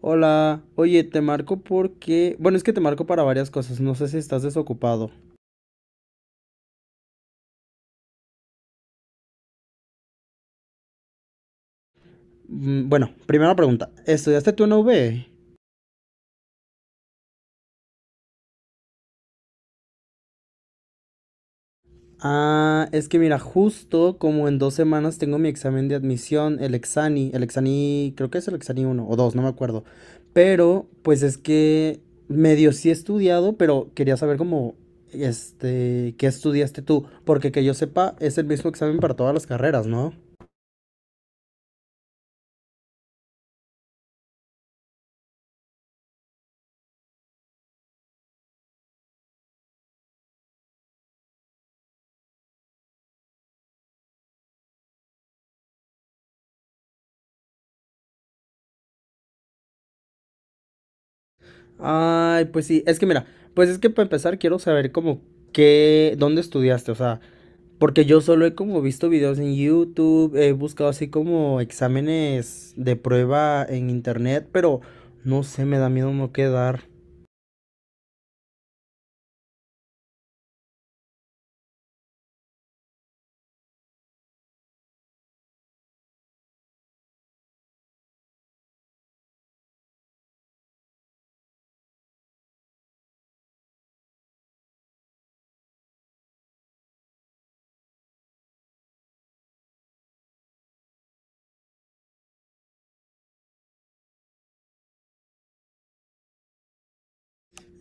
Hola, oye, te marco porque, bueno, es que te marco para varias cosas, no sé si estás desocupado. Bueno, primera pregunta, ¿estudiaste tú en la UV? Ah, es que mira, justo como en dos semanas tengo mi examen de admisión, el Exani, creo que es el Exani uno o dos, no me acuerdo. Pero, pues es que medio sí he estudiado, pero quería saber cómo, qué estudiaste tú, porque que yo sepa, es el mismo examen para todas las carreras, ¿no? Ay, pues sí, es que mira, pues es que para empezar quiero saber como qué, dónde estudiaste, o sea, porque yo solo he como visto videos en YouTube, he buscado así como exámenes de prueba en internet, pero no sé, me da miedo no quedar.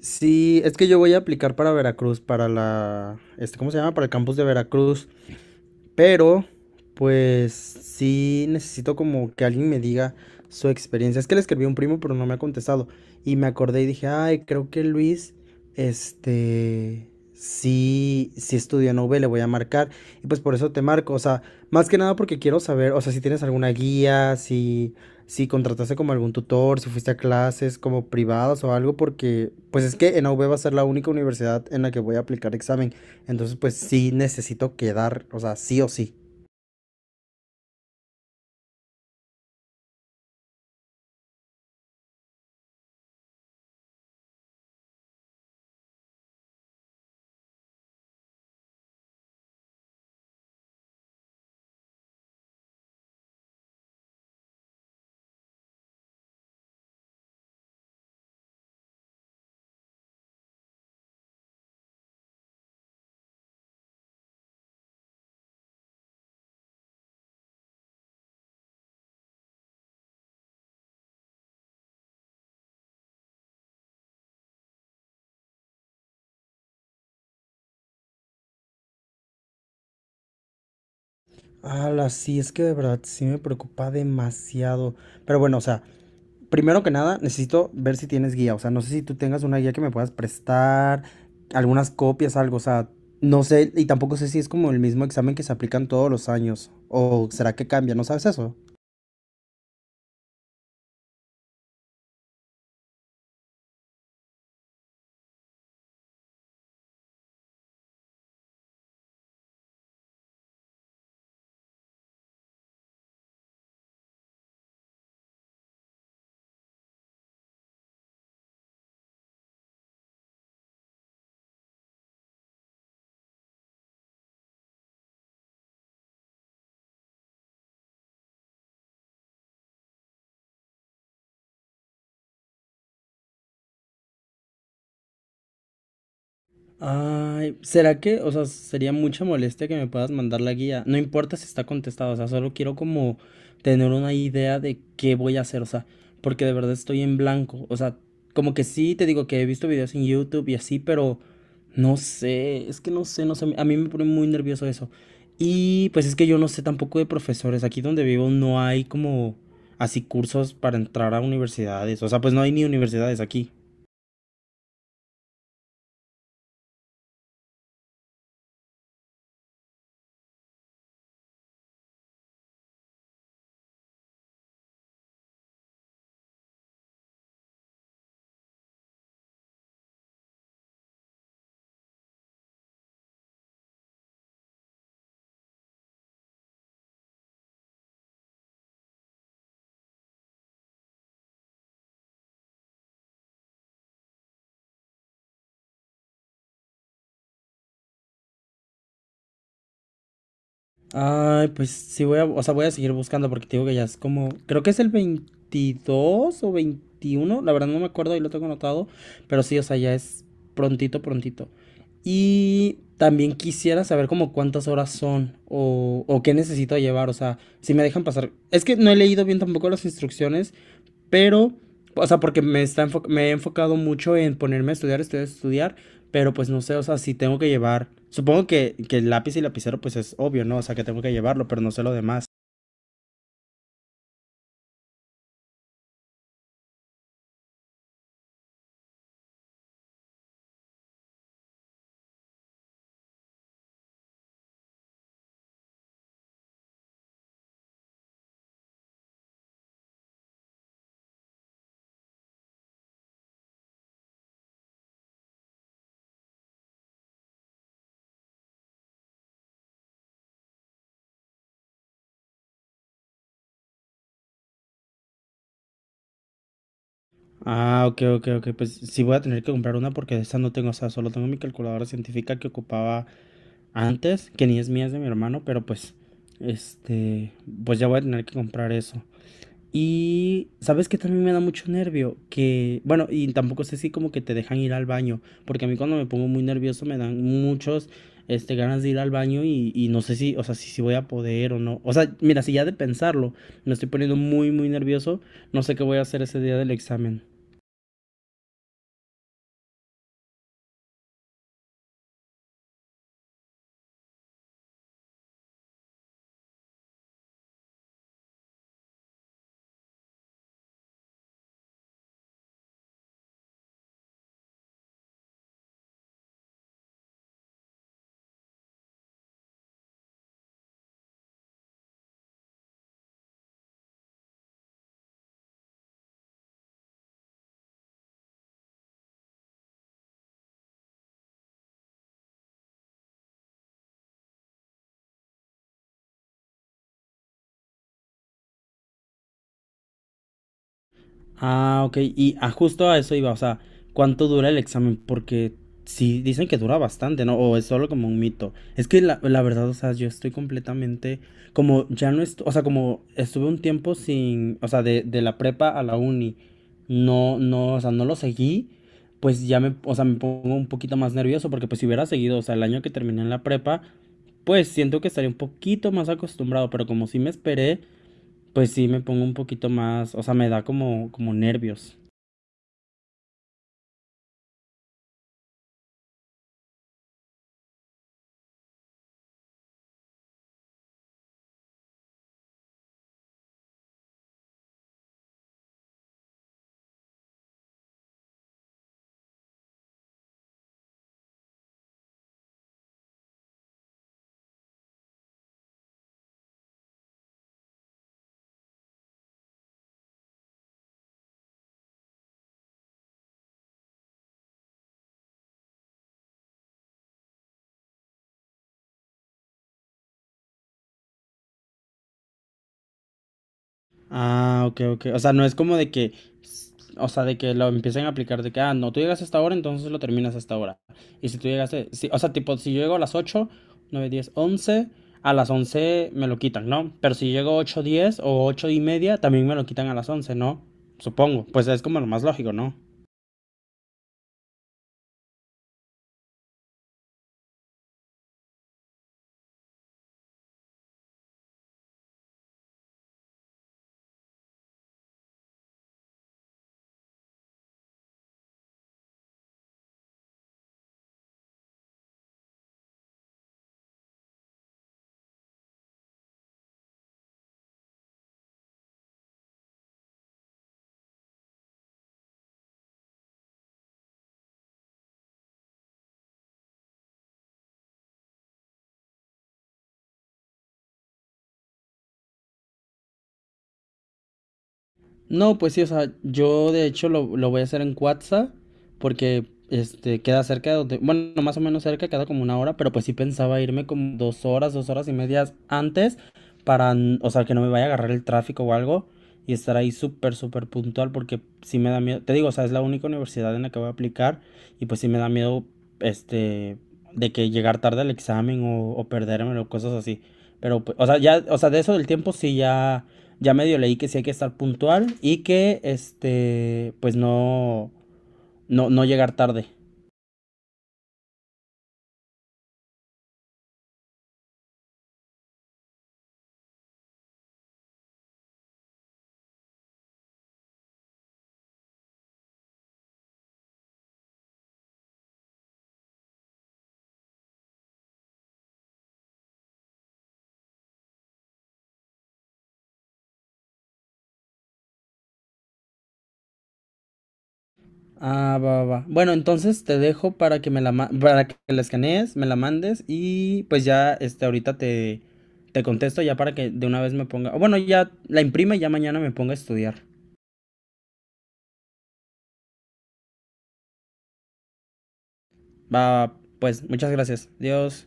Sí, es que yo voy a aplicar para Veracruz, para la, este, ¿cómo se llama? Para el campus de Veracruz. Pero, pues sí necesito como que alguien me diga su experiencia. Es que le escribí a un primo, pero no me ha contestado. Y me acordé y dije, ay, creo que Luis, este, sí estudió en UV, le voy a marcar. Y pues por eso te marco. O sea, más que nada porque quiero saber, o sea, si tienes alguna guía, si, si contrataste como algún tutor, si fuiste a clases como privadas o algo, porque pues es que en UV va a ser la única universidad en la que voy a aplicar examen. Entonces, pues sí necesito quedar, o sea, sí o sí. Ala, sí, es que de verdad sí me preocupa demasiado. Pero bueno, o sea, primero que nada, necesito ver si tienes guía. O sea, no sé si tú tengas una guía que me puedas prestar, algunas copias, algo. O sea, no sé, y tampoco sé si es como el mismo examen que se aplican todos los años. O será que cambia, ¿no sabes eso? Ay, ¿será que, o sea, sería mucha molestia que me puedas mandar la guía? No importa si está contestado, o sea, solo quiero como tener una idea de qué voy a hacer, o sea, porque de verdad estoy en blanco, o sea, como que sí, te digo que he visto videos en YouTube y así, pero no sé, es que no sé, no sé, a mí me pone muy nervioso eso. Y pues es que yo no sé tampoco de profesores, aquí donde vivo no hay como así cursos para entrar a universidades, o sea, pues no hay ni universidades aquí. Ay, pues sí voy a, o sea, voy a seguir buscando porque te digo que ya es como, creo que es el 22 o 21, la verdad no me acuerdo y lo tengo anotado, pero sí, o sea, ya es prontito, prontito. Y también quisiera saber como cuántas horas son o qué necesito llevar, o sea, si me dejan pasar. Es que no he leído bien tampoco las instrucciones pero, o sea, porque me, me he enfocado mucho en ponerme a estudiar, estudiar, estudiar, pero pues no sé, o sea, si tengo que llevar, supongo que el lápiz y lapicero pues es obvio, ¿no? O sea, que tengo que llevarlo, pero no sé lo demás. Ah, ok, ok, ok, pues sí voy a tener que comprar una porque esa no tengo, o sea, solo tengo mi calculadora científica que ocupaba antes, que ni es mía, es de mi hermano, pero pues, este, pues ya voy a tener que comprar eso. Y sabes que también me da mucho nervio, que, bueno, y tampoco sé si como que te dejan ir al baño, porque a mí cuando me pongo muy nervioso me dan muchos, ganas de ir al baño y no sé si, o sea, si, si voy a poder o no. O sea, mira, si ya de pensarlo me estoy poniendo muy, muy nervioso, no sé qué voy a hacer ese día del examen. Ah, ok. Y ah, justo a eso iba, o sea, ¿cuánto dura el examen? Porque sí dicen que dura bastante, ¿no? O es solo como un mito. Es que la verdad, o sea, yo estoy completamente, como ya no estoy, o sea, como estuve un tiempo sin, o sea, de la prepa a la uni, no, no, o sea, no lo seguí, pues ya me, o sea, me pongo un poquito más nervioso porque pues si hubiera seguido, o sea, el año que terminé en la prepa, pues siento que estaría un poquito más acostumbrado, pero como sí me esperé, pues sí, me pongo un poquito más, o sea, me da como, como nervios. Ah, ok, ok. O sea, no es como de que, o sea, de que lo empiecen a aplicar de que, ah, no, tú llegas a esta hora, entonces lo terminas a esta hora. Y si tú llegaste, sí, o sea, tipo, si yo llego a las 8, 9, 10, 11, a las 11 me lo quitan, ¿no? Pero si llego 8, 10 o 8 y media, también me lo quitan a las 11, ¿no? Supongo. Pues es como lo más lógico, ¿no? No, pues sí, o sea, yo de hecho lo voy a hacer en Cuatza, porque este queda cerca de donde, bueno, más o menos cerca, queda como una hora, pero pues sí pensaba irme como dos horas y medias antes, para, o sea, que no me vaya a agarrar el tráfico o algo, y estar ahí súper, súper puntual, porque sí me da miedo, te digo, o sea, es la única universidad en la que voy a aplicar, y pues sí me da miedo, este, de que llegar tarde al examen o perdérmelo, cosas así. Pero, pues, o sea, ya, o sea, de eso del tiempo sí ya. Ya medio leí que sí hay que estar puntual y que, este, pues no, no, no llegar tarde. Ah, va, va, va. Bueno, entonces te dejo para que me la, para que la escanees, me la mandes y pues ya, ahorita te, te contesto ya para que de una vez me ponga, o bueno, ya la imprime y ya mañana me ponga a estudiar. Va, pues, muchas gracias. Adiós.